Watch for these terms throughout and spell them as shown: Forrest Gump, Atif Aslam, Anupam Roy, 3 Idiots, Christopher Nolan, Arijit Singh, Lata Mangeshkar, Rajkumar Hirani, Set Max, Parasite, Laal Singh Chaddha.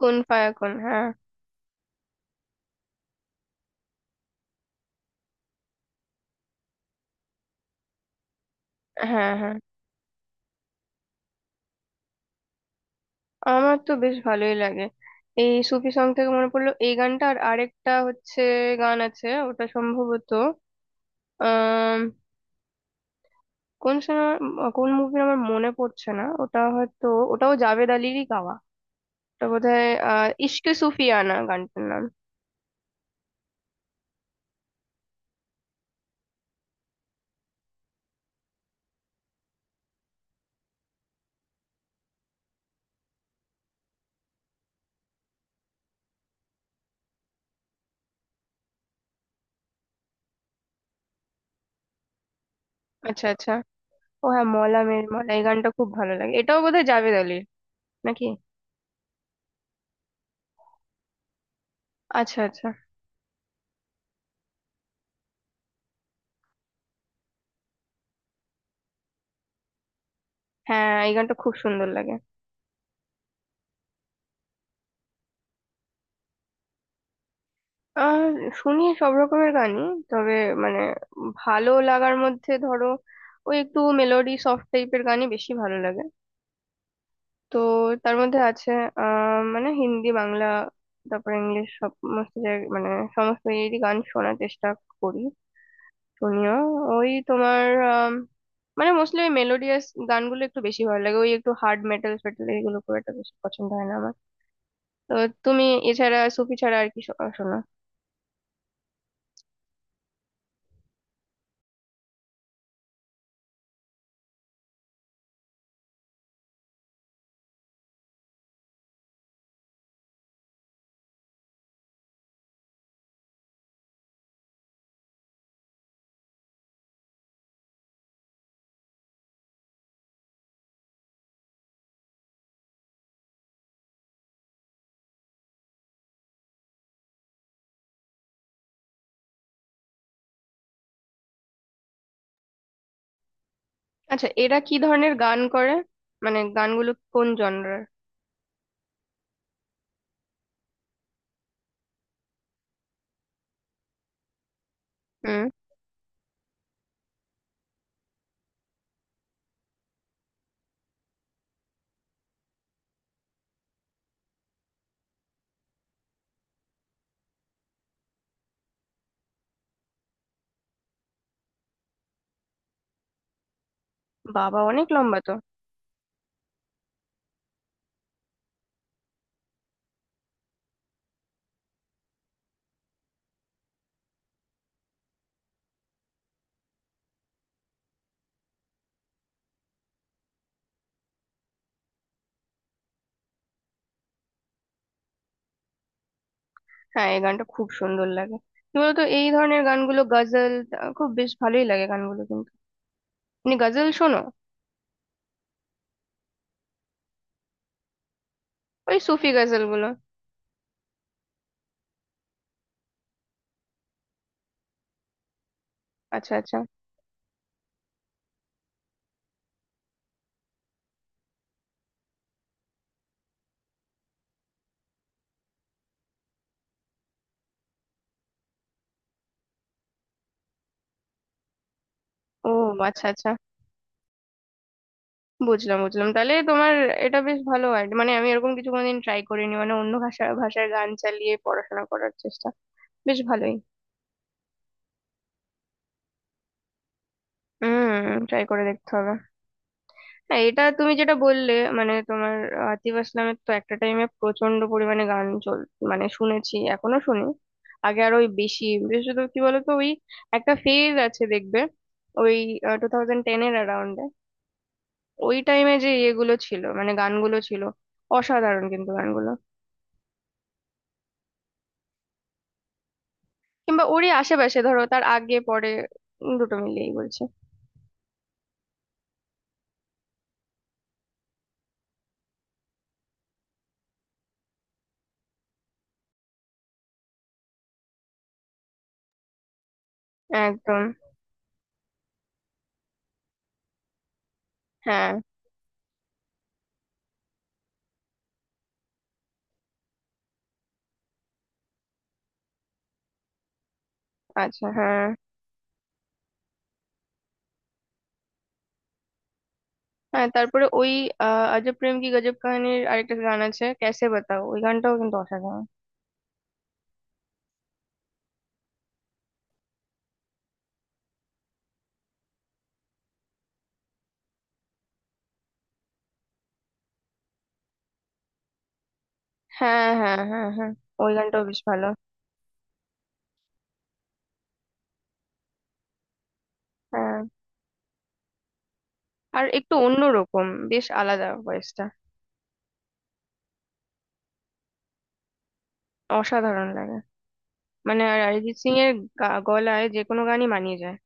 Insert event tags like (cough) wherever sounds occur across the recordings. কোন ফায়াকুন, হ্যাঁ হ্যাঁ হ্যাঁ। আমার তো বেশ ভালোই লাগে। এই সুফি সং থেকে মনে পড়লো এই গানটা। আর আরেকটা হচ্ছে গান আছে, ওটা সম্ভবত আহ কোন সিনেমা, কোন মুভির আমার মনে পড়ছে না। ওটা হয়তো ওটাও জাভেদ আলিরই গাওয়া। ওটা বোধহয় ইশকে সুফিয়ানা গানটার নাম। আচ্ছা আচ্ছা। ও হ্যাঁ, মলা মের মলা, এই গানটা খুব ভালো লাগে, এটাও বোধহয় জাভেদ আলির নাকি। আচ্ছা আচ্ছা। হ্যাঁ এই গানটা খুব সুন্দর লাগে। আহ শুনি সব রকমের গানই। তবে মানে ভালো লাগার মধ্যে ধরো ওই একটু মেলোডি সফট টাইপের গানই বেশি ভালো লাগে। তো তার মধ্যে আছে মানে হিন্দি, বাংলা, তারপর ইংলিশ, সমস্ত জায়গায় মানে সমস্ত ইয়েরই গান শোনার চেষ্টা করি, শুনিও। ওই তোমার আম, মানে মোস্টলি ওই মেলোডিয়াস গানগুলো একটু বেশি ভালো লাগে। ওই একটু হার্ড মেটাল ফেটাল এগুলো খুব একটা বেশি পছন্দ হয় না আমার। তো তুমি এছাড়া সুফি ছাড়া আর কি শোনো? আচ্ছা, এরা কি ধরনের গান করে? মানে গানগুলো কোন জনরার? হুম। বাবা অনেক লম্বা তো। হ্যাঁ এই গানটা খুব সুন্দর লাগে। কি বলতো এই ধরনের গানগুলো গজল, খুব বেশ ভালোই লাগে গানগুলো, কিন্তু তুমি গজল শোনো? ওই সুফি গজল গুলো? আচ্ছা আচ্ছা। ও আচ্ছা আচ্ছা, বুঝলাম বুঝলাম। তাহলে তোমার এটা বেশ ভালো আইডিয়া, মানে আমি এরকম কিছু কোনোদিন ট্রাই করিনি, মানে অন্য ভাষা ভাষার গান চালিয়ে পড়াশোনা করার চেষ্টা। বেশ ভালোই। হুম, ট্রাই করে দেখতে হবে। হ্যাঁ, এটা তুমি যেটা বললে, মানে তোমার আতিফ আসলামের তো একটা টাইমে প্রচন্ড পরিমাণে গান চল, মানে শুনেছি এখনো শুনি। আগে আরো ওই বেশি। বিশেষত কি বলতো ওই একটা ফেজ আছে দেখবে, ওই 2010 এর অ্যারাউন্ডে, ওই টাইমে যে ইয়েগুলো ছিল মানে গানগুলো ছিল অসাধারণ, কিন্তু গানগুলো কিংবা ওরই আশেপাশে ধরো, তার আগে পরে। দুটো মিলিয়েই বলছি। একদম। হ্যাঁ। আচ্ছা হ্যাঁ হ্যাঁ, তারপরে ওই আজব প্রেম কি গজব কাহিনীর আরেকটা গান আছে, ক্যাসে বাতাও, ওই গানটাও কিন্তু অসাধারণ। হ্যাঁ হ্যাঁ হ্যাঁ হ্যাঁ, ওই গানটাও বেশ ভালো। হ্যাঁ, আর একটু অন্যরকম, বেশ আলাদা ভয়েসটা। অসাধারণ লাগে, মানে আর অরিজিৎ সিং এর গলায় যে কোনো গানই মানিয়ে যায়।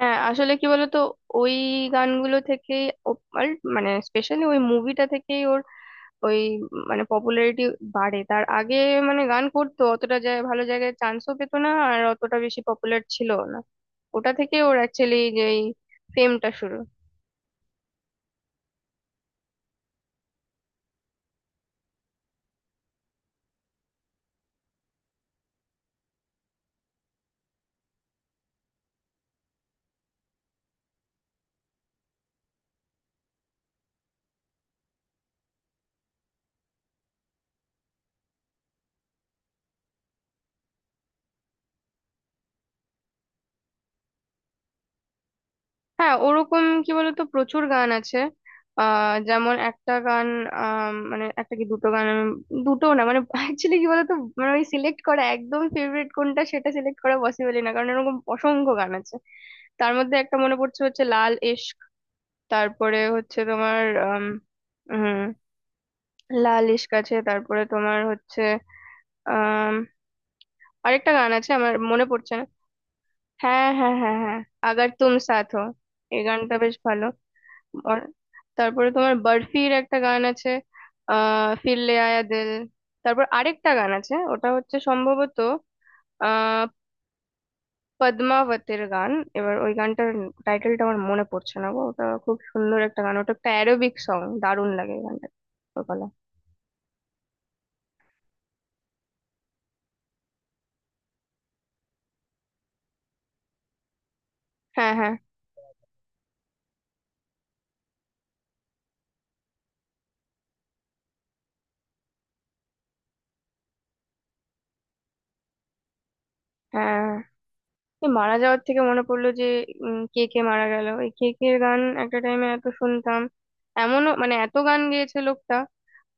হ্যাঁ আসলে কি বলতো ওই গানগুলো থেকেই ও- আর মানে স্পেশালি ওই মুভিটা থেকেই ওর ওই মানে পপুলারিটি বাড়ে। তার আগে মানে গান করতো, অতটা জায়গায় ভালো জায়গায় চান্সও পেতো না, আর অতটা বেশি পপুলার ছিল না। ওটা থেকে ওর অ্যাকচুয়ালি যে ফেমটা শুরু। হ্যাঁ, ওরকম কি বলতো প্রচুর গান আছে। যেমন একটা গান, মানে একটা কি দুটো গান আমি, দুটো না, মানে অ্যাকচুয়ালি কি বলতো, মানে ওই সিলেক্ট করা একদম ফেভারিট কোনটা সেটা সিলেক্ট করা পসিবলই না, কারণ এরকম অসংখ্য গান আছে। তার মধ্যে একটা মনে পড়ছে হচ্ছে লাল ইশক। তারপরে হচ্ছে তোমার আম, লাল ইশক আছে, তারপরে তোমার হচ্ছে আম, আরেকটা গান আছে আমার মনে পড়ছে না। হ্যাঁ হ্যাঁ হ্যাঁ হ্যাঁ, আগার তুম সাথ হো, এই গানটা বেশ ভালো। আর তারপরে তোমার বরফির একটা গান আছে, ফির লে আয়া দিল। তারপর আরেকটা গান আছে, ওটা হচ্ছে সম্ভবত আহ পদ্মাবতের গান। এবার ওই গানটার টাইটেলটা আমার মনে পড়ছে না গো। ওটা খুব সুন্দর একটা গান, ওটা একটা অ্যারোবিক সং, দারুণ লাগে এই গানটা, ওর গলা। হ্যাঁ হ্যাঁ হ্যাঁ। এই মারা যাওয়ার থেকে মনে পড়লো যে কে কে মারা গেল, এই কে কে গান একটা টাইমে এত শুনতাম। এমনও মানে এত গান গেয়েছে লোকটা,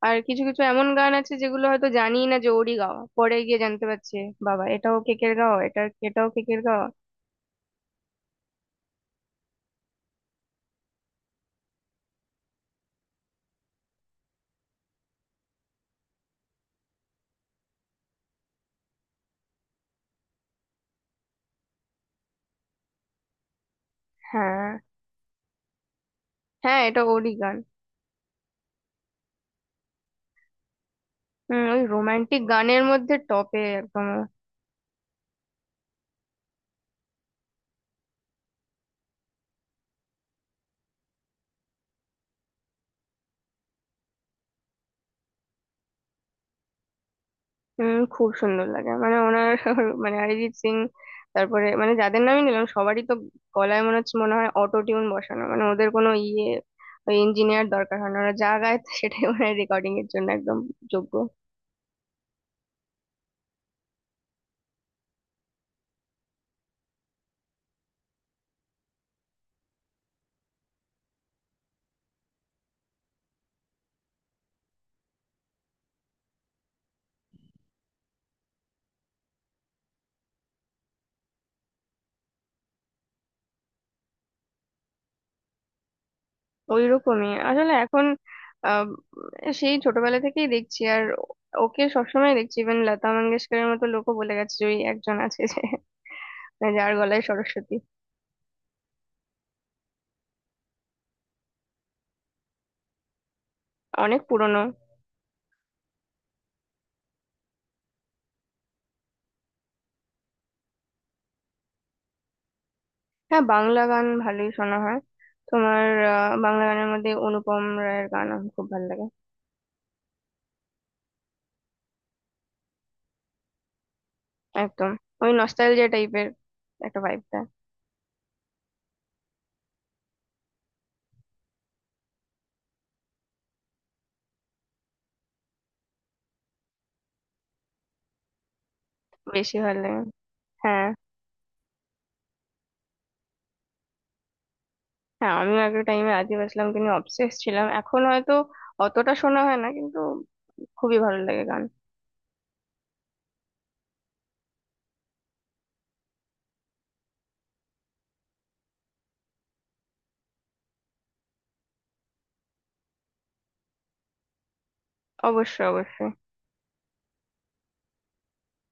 আর কিছু কিছু এমন গান আছে যেগুলো হয়তো জানি না যে ওরই গাওয়া, পরে গিয়ে জানতে পারছে বাবা এটাও কেকের গাওয়া। এটা এটাও কেকের গাওয়া। হ্যাঁ হ্যাঁ, এটা ওরই গান। হম, ওই রোমান্টিক গানের মধ্যে টপে একদম। খুব সুন্দর লাগে মানে ওনার (laughs) মানে অরিজিৎ সিং, তারপরে মানে যাদের নামই নিলাম সবারই তো গলায় মনে হচ্ছে মনে হয় অটো টিউন বসানো, মানে ওদের কোনো ইয়ে ইঞ্জিনিয়ার দরকার হয় না, ওরা যা গায় (laughs) সেটাই ওনার রেকর্ডিং এর জন্য একদম যোগ্য। ওইরকমই আসলে এখন, আহ, সেই ছোটবেলা থেকেই দেখছি আর ওকে সবসময় দেখছি। ইভেন লতা মঙ্গেশকরের মতো লোকও বলে গেছে যে ওই একজন আছে যে মানে যার গলায় সরস্বতী। অনেক পুরনো। হ্যাঁ বাংলা গান ভালোই শোনা হয় তোমার। বাংলা গানের মধ্যে অনুপম রায়ের গান আমার খুব ভালো লাগে। একদম ওই নস্টালজিয়া টাইপের একটা ভাইব দেয়। বেশি ভালো লাগে। হ্যাঁ হ্যাঁ, আমিও একটা টাইমে আতিফ আসলামকে নিয়ে অবসেস ছিলাম, এখন হয়তো অতটা শোনা হয় না, কিন্তু খুবই ভালো লাগে গান। অবশ্যই অবশ্যই।